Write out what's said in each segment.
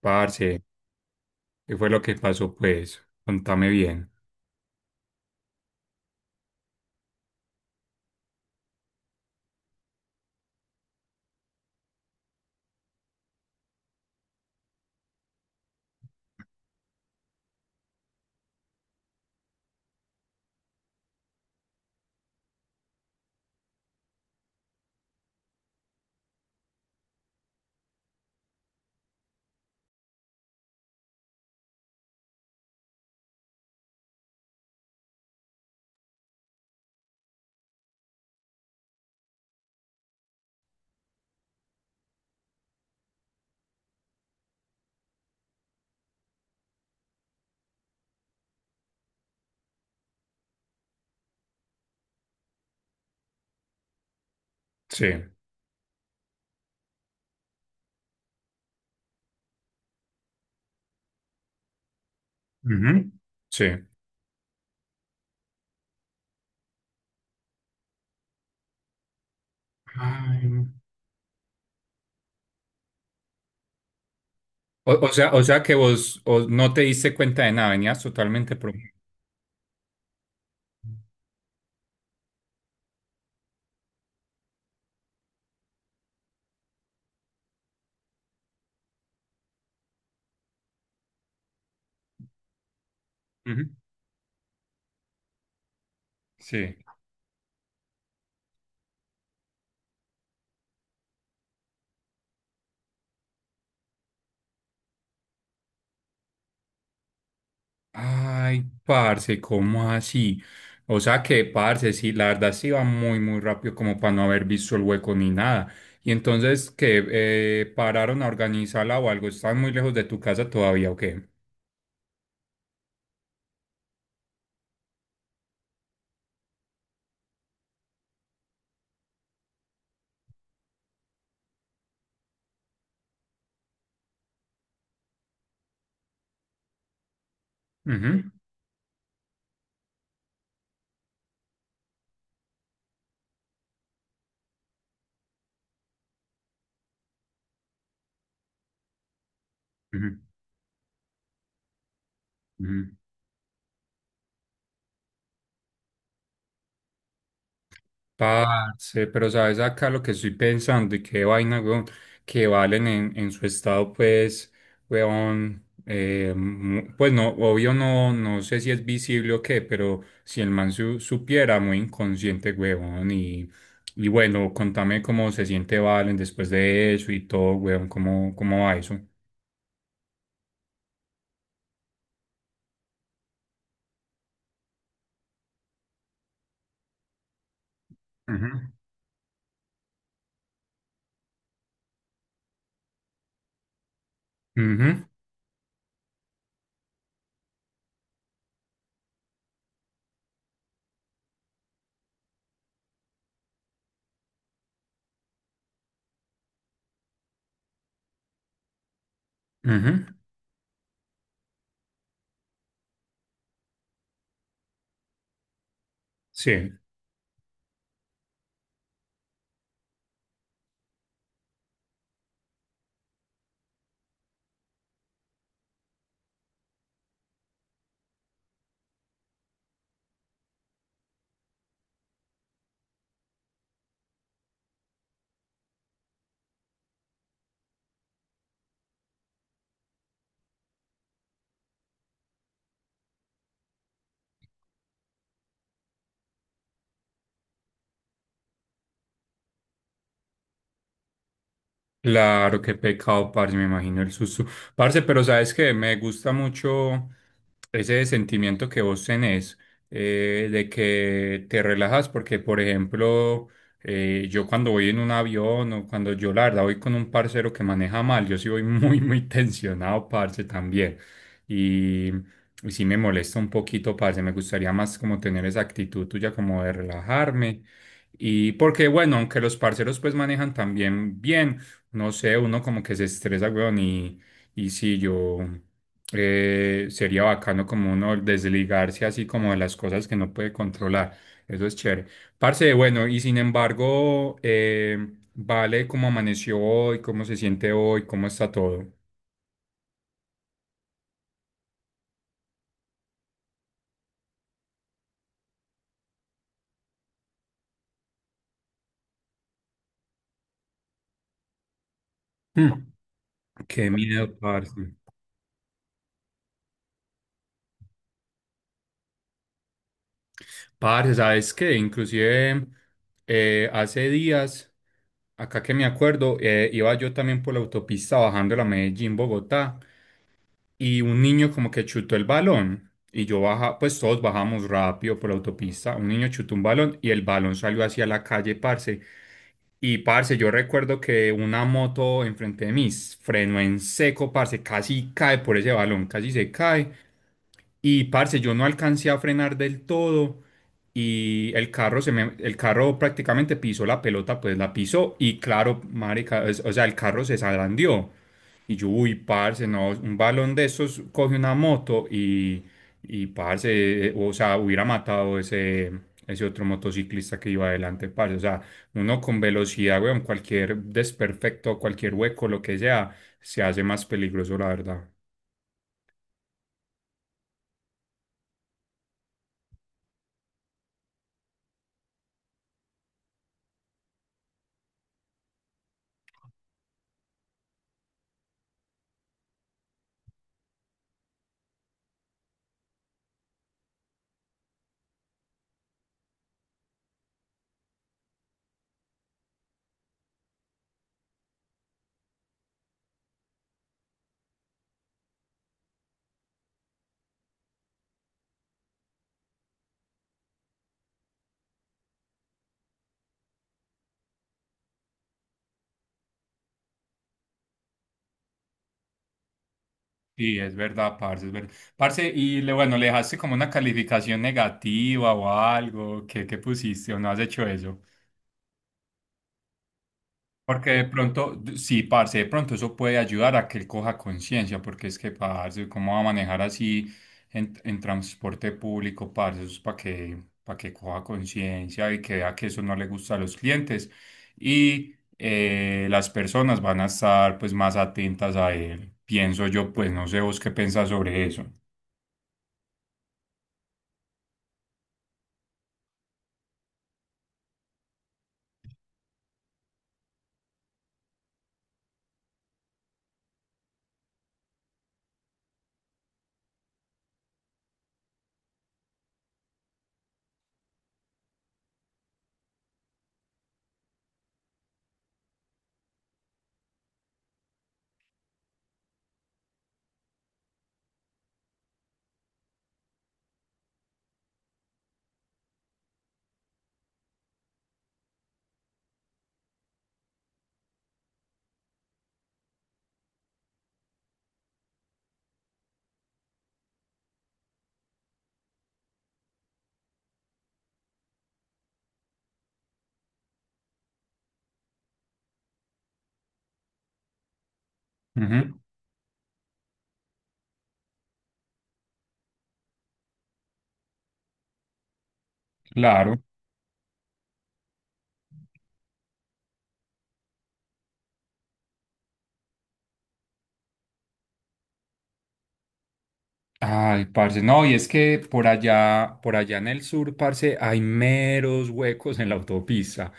Parce, ¿qué fue lo que pasó, pues? Contame bien. Sí. Ujú. Sí. Ay, no. O sea que no te diste cuenta de nada, venías totalmente pro. Ujú. Sí. Ay, parce, ¿cómo así? O sea que, parce, sí, la verdad sí iba muy, muy rápido como para no haber visto el hueco ni nada. Y entonces, que ¿pararon a organizarla o algo? ¿Están muy lejos de tu casa todavía o qué? Ujú. Ujú. Ujú. Parce, pero sabes acá lo que estoy pensando y qué vaina, weón, que valen en su estado, pues, weón, pues no, obvio no, no sé si es visible o qué, pero si supiera, muy inconsciente, weón, y bueno, contame cómo se siente Valen después de eso y todo, weón, cómo, cómo va eso. Ujú, ujú, ujú, sí. Claro, qué pecado, parce, me imagino el susto. Parce, pero sabes que me gusta mucho ese sentimiento que vos tenés, de que te relajas, porque, por ejemplo, yo cuando voy en un avión o cuando yo, la verdad, voy con un parcero que maneja mal, yo sí voy muy, muy tensionado, parce, también. Y, y sí me molesta un poquito, parce, me gustaría más como tener esa actitud tuya como de relajarme. Y porque, bueno, aunque los parceros pues manejan también bien. No sé, uno como que se estresa, weón, y sí, yo, sería bacano como uno desligarse así como de las cosas que no puede controlar. Eso es chévere. Parce, bueno, y sin embargo, vale cómo amaneció hoy, cómo se siente hoy, cómo está todo. Mm, qué miedo, parce. Parce, ¿sabes qué? Inclusive, hace días, acá que me acuerdo, iba yo también por la autopista bajando la Medellín-Bogotá. Y un niño como que chutó el balón y yo baja, pues todos bajamos rápido por la autopista, un niño chutó un balón y el balón salió hacia la calle, parce. Y parce, yo recuerdo que una moto enfrente de mí frenó en seco, parce, casi cae por ese balón, casi se cae. Y parce, yo no alcancé a frenar del todo y el carro se me, el carro prácticamente pisó la pelota, pues la pisó y claro, marica, o sea, el carro se zarandeó. Y yo, uy, parce, no, un balón de esos coge una moto y parce, o sea, hubiera matado ese, ese otro motociclista que iba adelante, parce. O sea, uno con velocidad, weón, cualquier desperfecto, cualquier hueco, lo que sea, se hace más peligroso, la verdad. Sí, es verdad. Parce, y le, bueno, ¿le dejaste como una calificación negativa o algo? ¿Qué, qué pusiste o no has hecho eso? Porque de pronto, sí, parce, de pronto eso puede ayudar a que él coja conciencia, porque es que, parce, ¿cómo va a manejar así en transporte público, parce? Eso es para que coja conciencia y que vea que eso no le gusta a los clientes. Y las personas van a estar, pues, más atentas a él. Pienso yo, pues, no sé vos qué pensás sobre eso. Ujú, claro. Ay, parce, no, y es que por allá en el sur, parce, hay meros huecos en la autopista.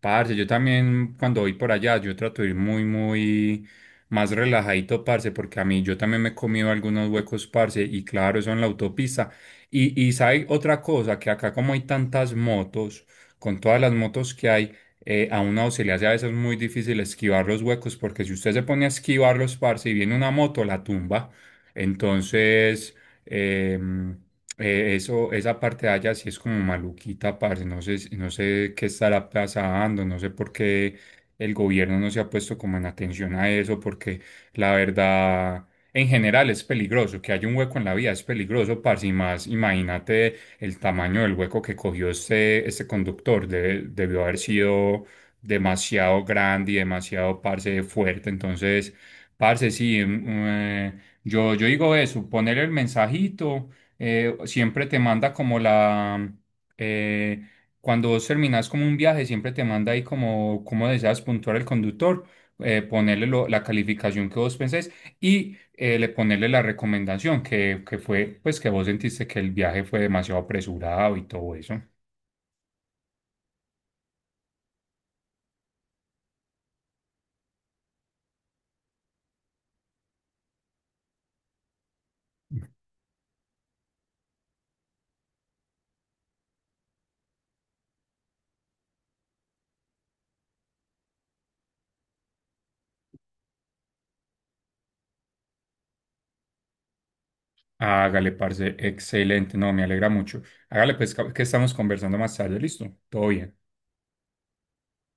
Parce, yo también cuando voy por allá, yo trato de ir muy, muy más relajadito, parce, porque a mí yo también me he comido algunos huecos, parce, y claro, eso en la autopista. Y sabe otra cosa, que acá como hay tantas motos, con todas las motos que hay, a uno se le hace a veces muy difícil esquivar los huecos, porque si usted se pone a esquivarlos, parce, y viene una moto, la tumba. Entonces, em, eso, esa parte de allá sí es como maluquita, parce. No sé, no sé qué estará pasando, no sé por qué el gobierno no se ha puesto como en atención a eso, porque la verdad, en general es peligroso, que haya un hueco en la vía es peligroso, parce, y más, imagínate el tamaño del hueco que cogió este, este conductor, debió haber sido demasiado grande y demasiado, parce, fuerte, entonces... Parce, sí, mm, yo, yo digo eso, poner el mensajito, siempre te manda como la, eh, cuando vos terminás como un viaje, siempre te manda ahí como, como deseas puntuar el conductor, ponerle la calificación que vos pensés y le ponerle la recomendación que fue, pues que vos sentiste que el viaje fue demasiado apresurado y todo eso. Hágale, parce, excelente, no, me alegra mucho. Hágale, pues que estamos conversando más tarde, listo, todo bien.